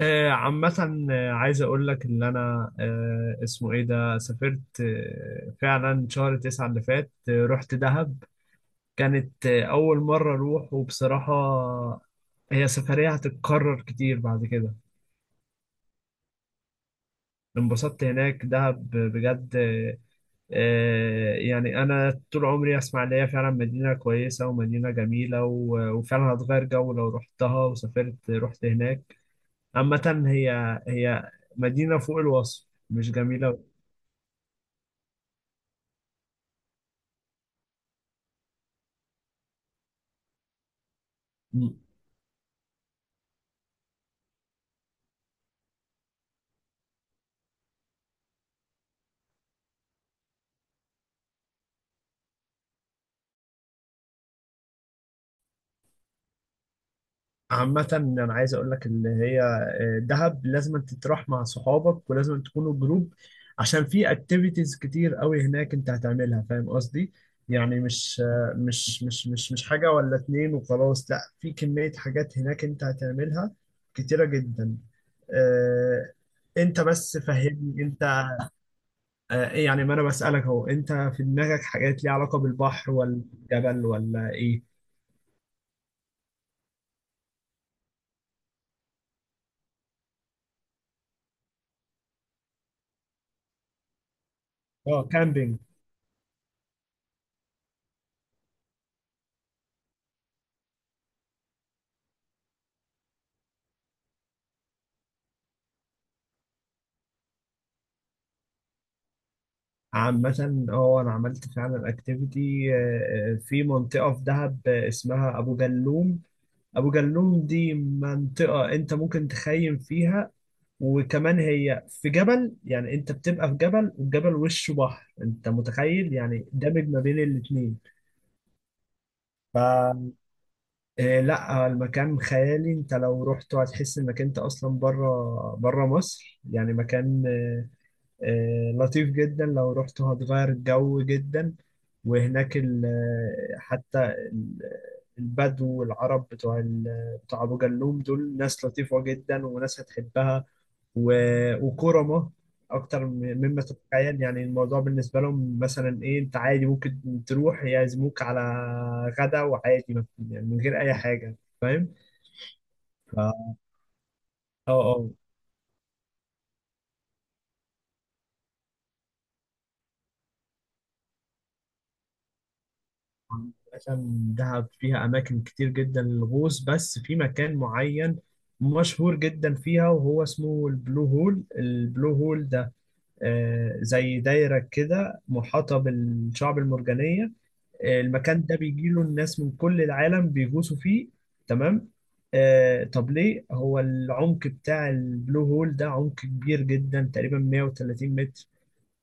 عامة عايز أقول لك إن أنا، اسمه إيه ده، سافرت فعلا شهر تسعة اللي فات، رحت دهب. كانت أول مرة أروح، وبصراحة هي سفرية هتتكرر كتير بعد كده. انبسطت هناك، دهب بجد. يعني أنا طول عمري أسمع إن هي فعلا مدينة كويسة ومدينة جميلة، و- وفعلا هتغير جو لو رحتها وسافرت، رحت هناك. عامة هي، هي مدينة فوق الوصف، مش جميلة. عامة أنا عايز أقول لك إن هي، دهب، لازم تروح مع صحابك، ولازم تكونوا جروب عشان في أكتيفيتيز كتير قوي هناك أنت هتعملها. فاهم قصدي؟ يعني مش آه، مش مش مش مش حاجة ولا اتنين وخلاص، لا، في كمية حاجات هناك أنت هتعملها كتيرة جدا آه، أنت بس فهمني أنت، يعني ما أنا بسألك أهو، أنت في دماغك حاجات ليها علاقة بالبحر ولا الجبل ولا إيه؟ أه، كامبينج. عامة اه، انا عملت فعلا اكتيفيتي في منطقة في دهب، اسمها ابو جلوم. ابو جلوم دي منطقة انت ممكن تخيم فيها، وكمان هي في جبل، يعني انت بتبقى في جبل، والجبل وشه بحر، انت متخيل؟ يعني دمج ما بين الاتنين. ف لا، المكان خيالي، انت لو رحت هتحس انك انت اصلا بره بره مصر، يعني مكان لطيف جدا، لو رحت هتغير الجو جدا. وهناك حتى البدو والعرب بتوع بتوع أبو جلوم دول ناس لطيفة جدا وناس هتحبها، و- وكرمة أكتر مما تتخيل. يعني الموضوع بالنسبة لهم مثلا إيه؟ أنت عادي ممكن تروح يعزموك على غدا، وعادي يعني من غير أي حاجة. فاهم؟ اه، اه، عشان دهب فيها أماكن كتير جدا للغوص، بس في مكان معين مشهور جدا فيها، وهو اسمه البلو هول. البلو هول ده زي دايرة كده محاطة بالشعب المرجانية. المكان ده بيجيله الناس من كل العالم بيغوصوا فيه، تمام؟ طب ليه؟ هو العمق بتاع البلو هول ده عمق كبير جدا، تقريبا 130 متر.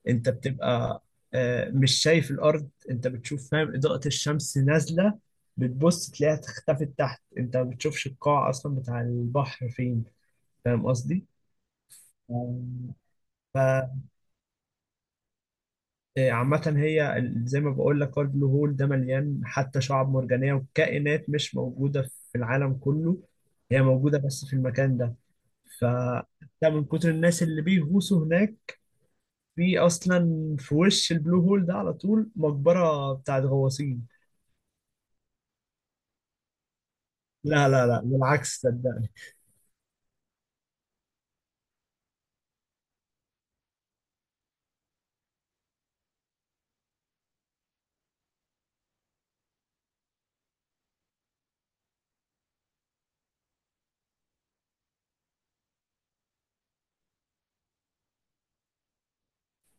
انت بتبقى مش شايف الارض، انت بتشوف، فاهم، اضاءة الشمس نازلة، بتبص تلاقيها اختفت تحت، انت ما بتشوفش القاع اصلا بتاع البحر فين. فاهم قصدي؟ فعامة هي، زي ما بقول لك، هو البلو هول ده مليان حتى شعاب مرجانية وكائنات مش موجودة في العالم كله، هي موجودة بس في المكان ده. فده من كتر الناس اللي بيغوصوا هناك، في أصلا في وش البلو هول ده على طول مقبرة بتاعت غواصين. لا، لا، لا، بالعكس صدقني.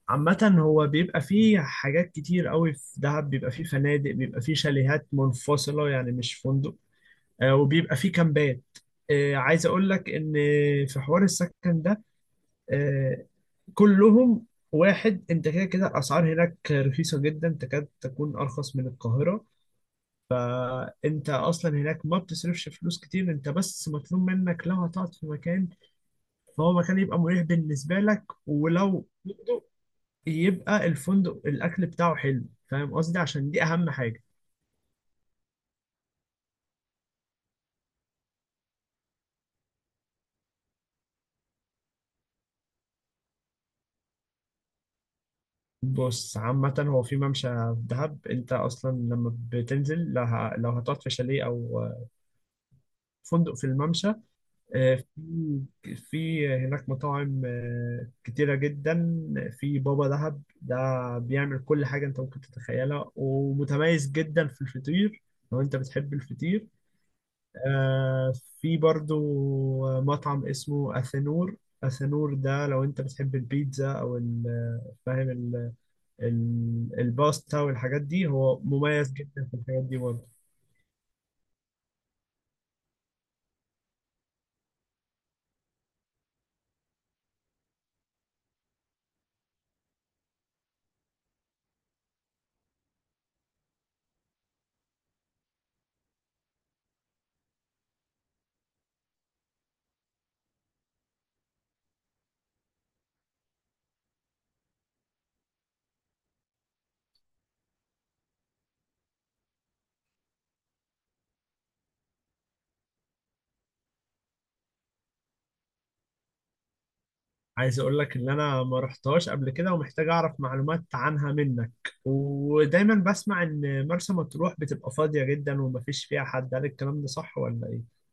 عامة هو بيبقى فيه حاجات كتير قوي في دهب، بيبقى فيه فنادق، بيبقى فيه شاليهات منفصلة يعني مش فندق، وبيبقى فيه كامبات. عايز أقول لك إن في حوار السكن ده آه، كلهم واحد. أنت كده كده الأسعار هناك رخيصة جدا، تكاد تكون أرخص من القاهرة. أنت أصلا هناك ما بتصرفش فلوس كتير، أنت بس مطلوب منك، لو هتقعد في مكان فهو مكان يبقى مريح بالنسبة لك، ولو يبقى الفندق الاكل بتاعه حلو. فاهم قصدي؟ عشان دي اهم حاجه. بص، عامة هو في ممشى في دهب، انت اصلا لما بتنزل، لو لو هتقعد في شاليه او فندق في الممشى، آه، في في هناك مطاعم كتيرة جدا. في بابا دهب ده بيعمل كل حاجة انت ممكن تتخيلها، ومتميز جدا في الفطير لو انت بتحب الفطير. آه، في برضو مطعم اسمه أثنور. أثنور ده لو أنت بتحب البيتزا أو، فاهم، الباستا والحاجات دي، هو مميز جدا في الحاجات دي برضه. عايز أقول لك إن أنا ما رحتهاش قبل كده، ومحتاج أعرف معلومات عنها منك. ودايما بسمع إن مرسى مطروح بتبقى فاضية جدا ومفيش فيها حد، هل الكلام ده صح ولا إيه؟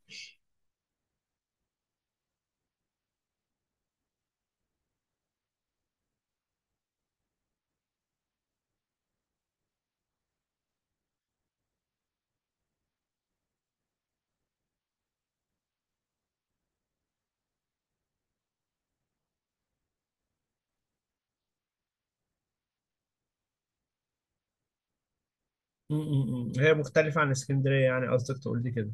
م- م- م. هي مختلفة عن اسكندرية، يعني قصدك تقول لي كده؟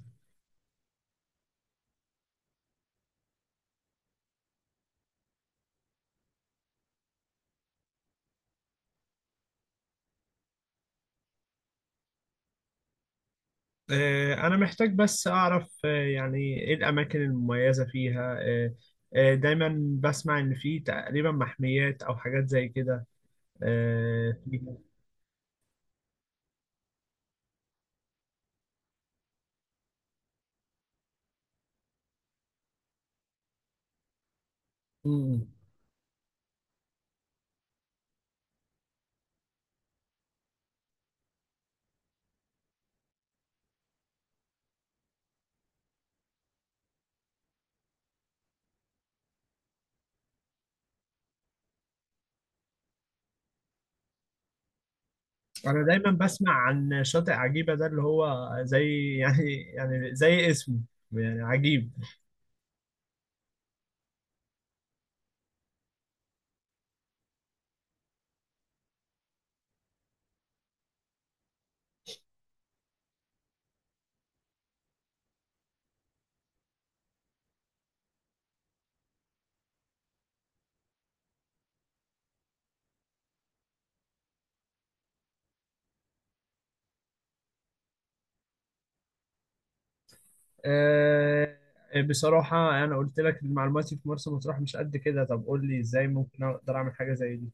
أنا محتاج بس أعرف، يعني إيه الأماكن المميزة فيها. دايما بسمع إن في تقريبا محميات أو حاجات زي كده، فيها. مم. أنا دايما بسمع عن شاطئ عجيبة ده، اللي هو زي يعني، يعني زي اسمه، يعني عجيب. آه، بصراحة أنا قلت لك معلوماتي في مرسى مطروح مش قد كده. طب قول لي إزاي ممكن أقدر أعمل حاجة زي دي.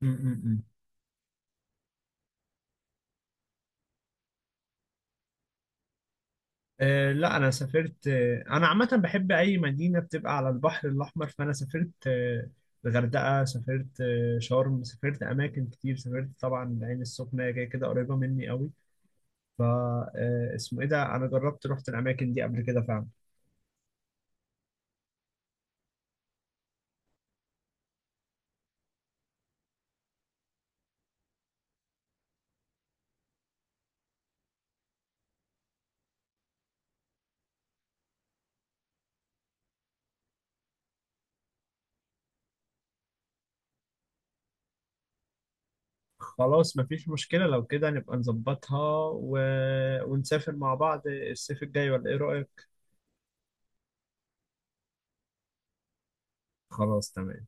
مم. لا، انا سافرت، انا عامه بحب اي مدينه بتبقى على البحر الاحمر، فانا سافرت الغردقه، سافرت شرم، سافرت اماكن كتير، سافرت طبعا العين السخنه هي كده كده قريبه مني قوي. ف اسمه ايه ده، انا جربت، رحت الاماكن دي قبل كده فعلا. خلاص، مفيش مشكله، لو كده نبقى نظبطها ونسافر مع بعض الصيف الجاي، ولا ايه رايك؟ خلاص تمام.